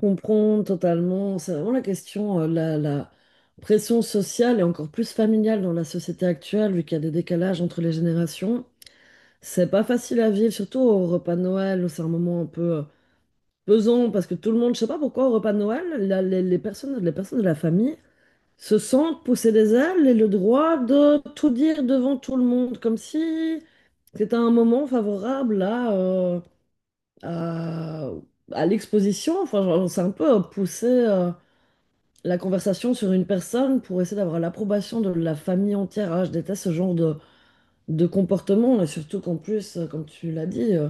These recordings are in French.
Comprendre totalement, c'est vraiment la question, la pression sociale et encore plus familiale dans la société actuelle, vu qu'il y a des décalages entre les générations. C'est pas facile à vivre, surtout au repas de Noël, où c'est un moment un peu pesant, parce que tout le monde, je sais pas pourquoi, au repas de Noël, les personnes, les personnes de la famille se sentent pousser des ailes et le droit de tout dire devant tout le monde, comme si c'était un moment favorable à, à l'exposition. Enfin, genre, c'est un peu poussé la conversation sur une personne pour essayer d'avoir l'approbation de la famille entière. Ah, je déteste ce genre de comportement, et surtout qu'en plus, comme tu l'as dit,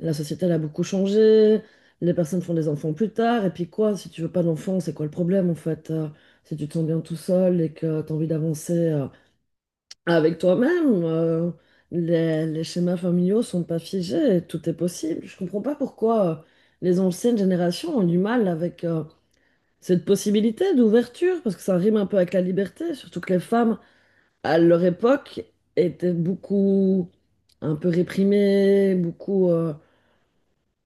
la société elle a beaucoup changé, les personnes font des enfants plus tard, et puis quoi, si tu veux pas d'enfants, c'est quoi le problème en fait? Si tu te sens bien tout seul et que tu as envie d'avancer avec toi-même. Les schémas familiaux sont pas figés, et tout est possible. Je comprends pas pourquoi les anciennes générations ont du mal avec cette possibilité d'ouverture, parce que ça rime un peu avec la liberté, surtout que les femmes, à leur époque, étaient beaucoup un peu réprimées, beaucoup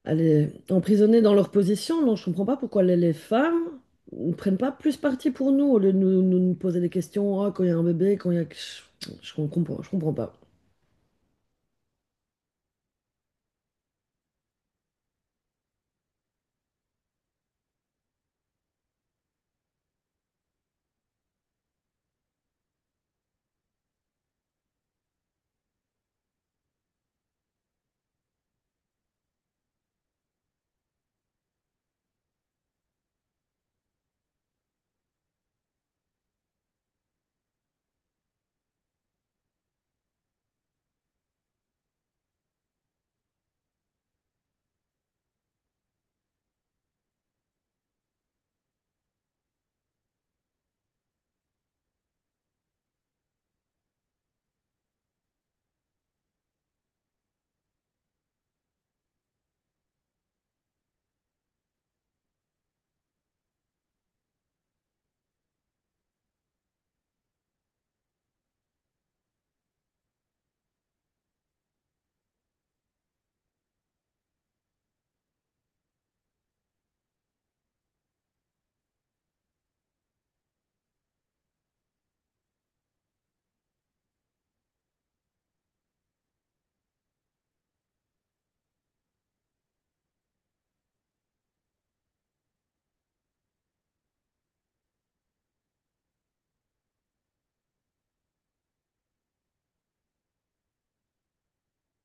allez, emprisonnées dans leur position. Donc je comprends pas pourquoi les femmes ne prennent pas plus parti pour nous, au lieu de nous poser des questions. Ah, quand il y a un bébé, quand il y a. Je comprends, je comprends pas.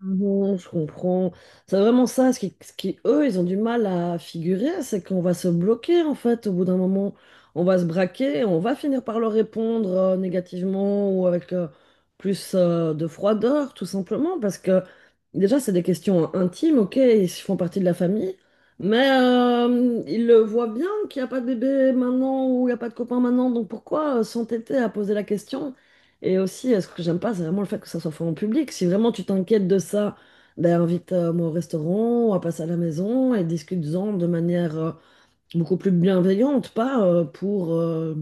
Non, je comprends. C'est vraiment ça, ce qui, eux, ils ont du mal à figurer, c'est qu'on va se bloquer, en fait, au bout d'un moment. On va se braquer, on va finir par leur répondre négativement ou avec plus de froideur, tout simplement, parce que déjà, c'est des questions intimes. Ok, ils font partie de la famille, mais ils le voient bien qu'il n'y a pas de bébé maintenant ou il n'y a pas de copain maintenant, donc pourquoi s'entêter à poser la question? Et aussi, ce que j'aime pas, c'est vraiment le fait que ça soit fait en public. Si vraiment tu t'inquiètes de ça, ben invite-moi au restaurant, à passer à la maison et discute-en de manière beaucoup plus bienveillante, pas pour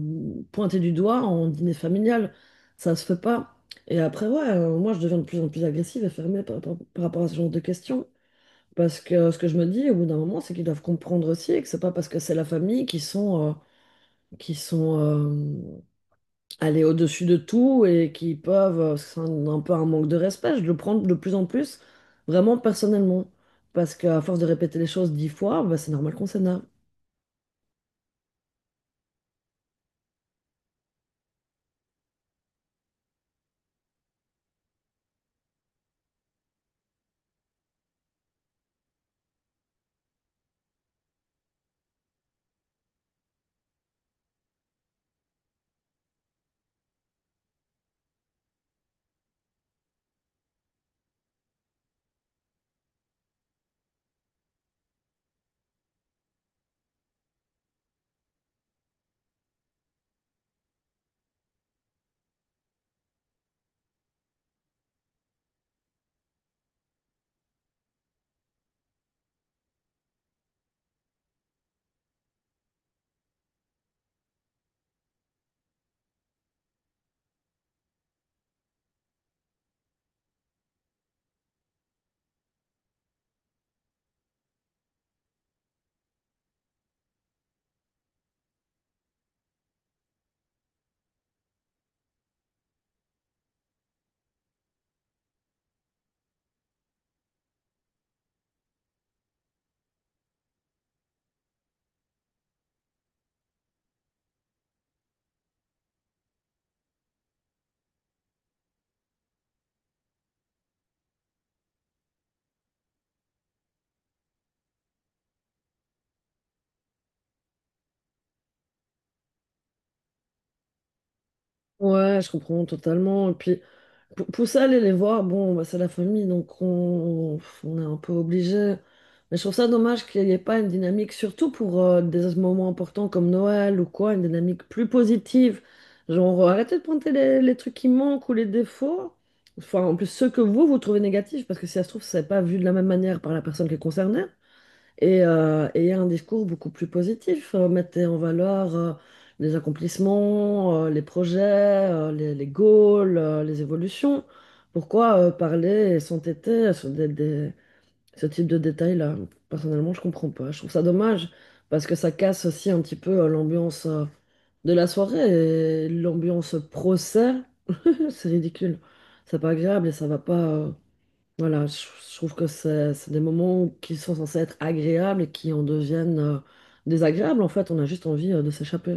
pointer du doigt en dîner familial. Ça se fait pas. Et après, ouais, moi je deviens de plus en plus agressive et fermée par rapport à ce genre de questions. Parce que ce que je me dis au bout d'un moment, c'est qu'ils doivent comprendre aussi et que c'est pas parce que c'est la famille qu'ils sont, qui sont aller au-dessus de tout et qui peuvent, c'est un peu un manque de respect, je le prends de plus en plus, vraiment personnellement. Parce qu'à force de répéter les choses 10 fois, bah, c'est normal qu'on s'énerve. Ouais, je comprends totalement. Et puis, pour ça, aller les voir, bon, bah, c'est la famille, donc on est un peu obligé. Mais je trouve ça dommage qu'il n'y ait pas une dynamique, surtout pour des moments importants comme Noël ou quoi, une dynamique plus positive. Genre, arrêtez de pointer les trucs qui manquent ou les défauts. Enfin, en plus, ceux que vous, vous trouvez négatifs, parce que si ça se trouve, c'est pas vu de la même manière par la personne qui est concernée, et un discours beaucoup plus positif mettait en valeur les accomplissements, les projets, les goals, les évolutions. Pourquoi parler et s'entêter sur ce type de détails-là? Personnellement, je comprends pas. Je trouve ça dommage parce que ça casse aussi un petit peu l'ambiance de la soirée, et l'ambiance procès, c'est ridicule. C'est pas agréable et ça va pas. Voilà, je trouve que c'est des moments qui sont censés être agréables et qui en deviennent désagréables. En fait, on a juste envie de s'échapper.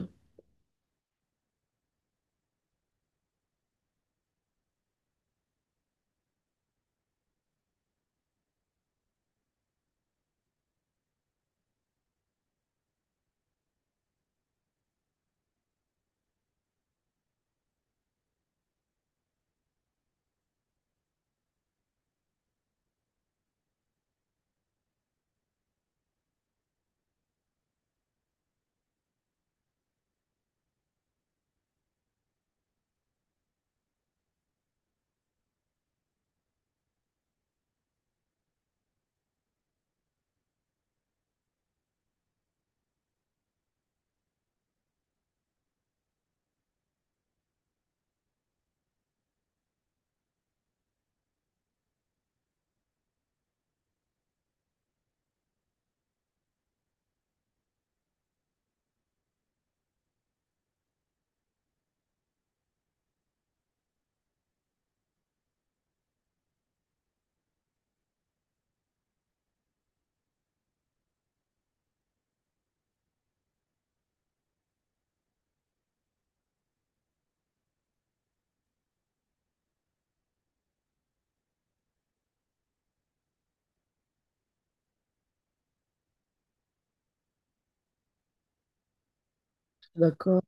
D'accord.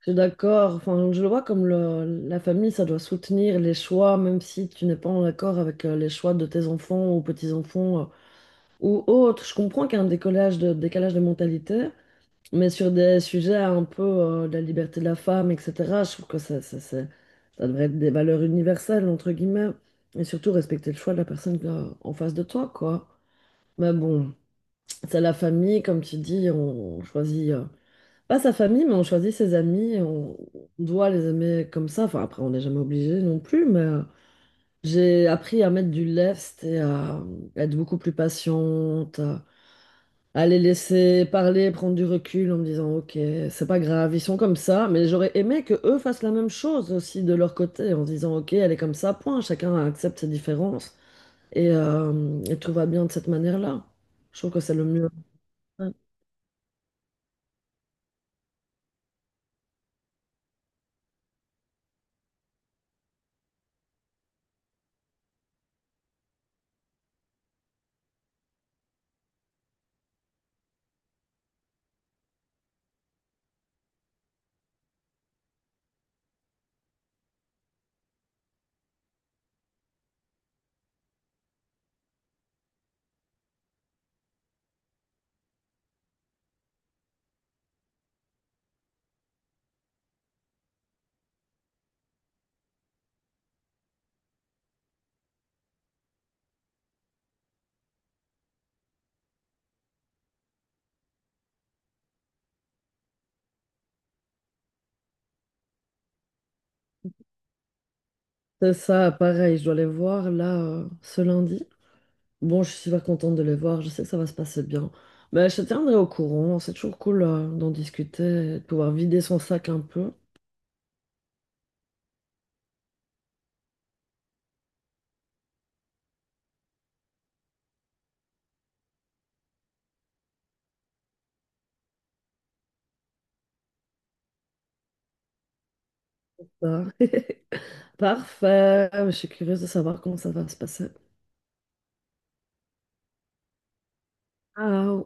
Je suis d'accord. Enfin, je le vois comme la famille, ça doit soutenir les choix, même si tu n'es pas en accord avec les choix de tes enfants ou petits-enfants ou autres. Je comprends qu'il y a un décalage de mentalité, mais sur des sujets un peu de la liberté de la femme, etc., je trouve que ça devrait être des valeurs universelles, entre guillemets, et surtout respecter le choix de la personne en face de toi, quoi. Mais bon, c'est la famille, comme tu dis, on choisit, pas sa famille, mais on choisit ses amis, et on doit les aimer comme ça. Enfin, après, on n'est jamais obligé non plus, mais j'ai appris à mettre du lest et à être beaucoup plus patiente, à les laisser parler, prendre du recul en me disant, ok, c'est pas grave, ils sont comme ça, mais j'aurais aimé que eux fassent la même chose aussi de leur côté, en se disant, ok, elle est comme ça, point, chacun accepte ses différences, et tout va bien de cette manière-là. Je trouve que c'est le mieux. C'est ça, pareil, je dois les voir là ce lundi. Bon, je suis super contente de les voir, je sais que ça va se passer bien. Mais je te tiendrai au courant, c'est toujours cool d'en discuter, et de pouvoir vider son sac un peu. Ça. Parfait. Je suis curieuse de savoir comment ça va se passer. Ah,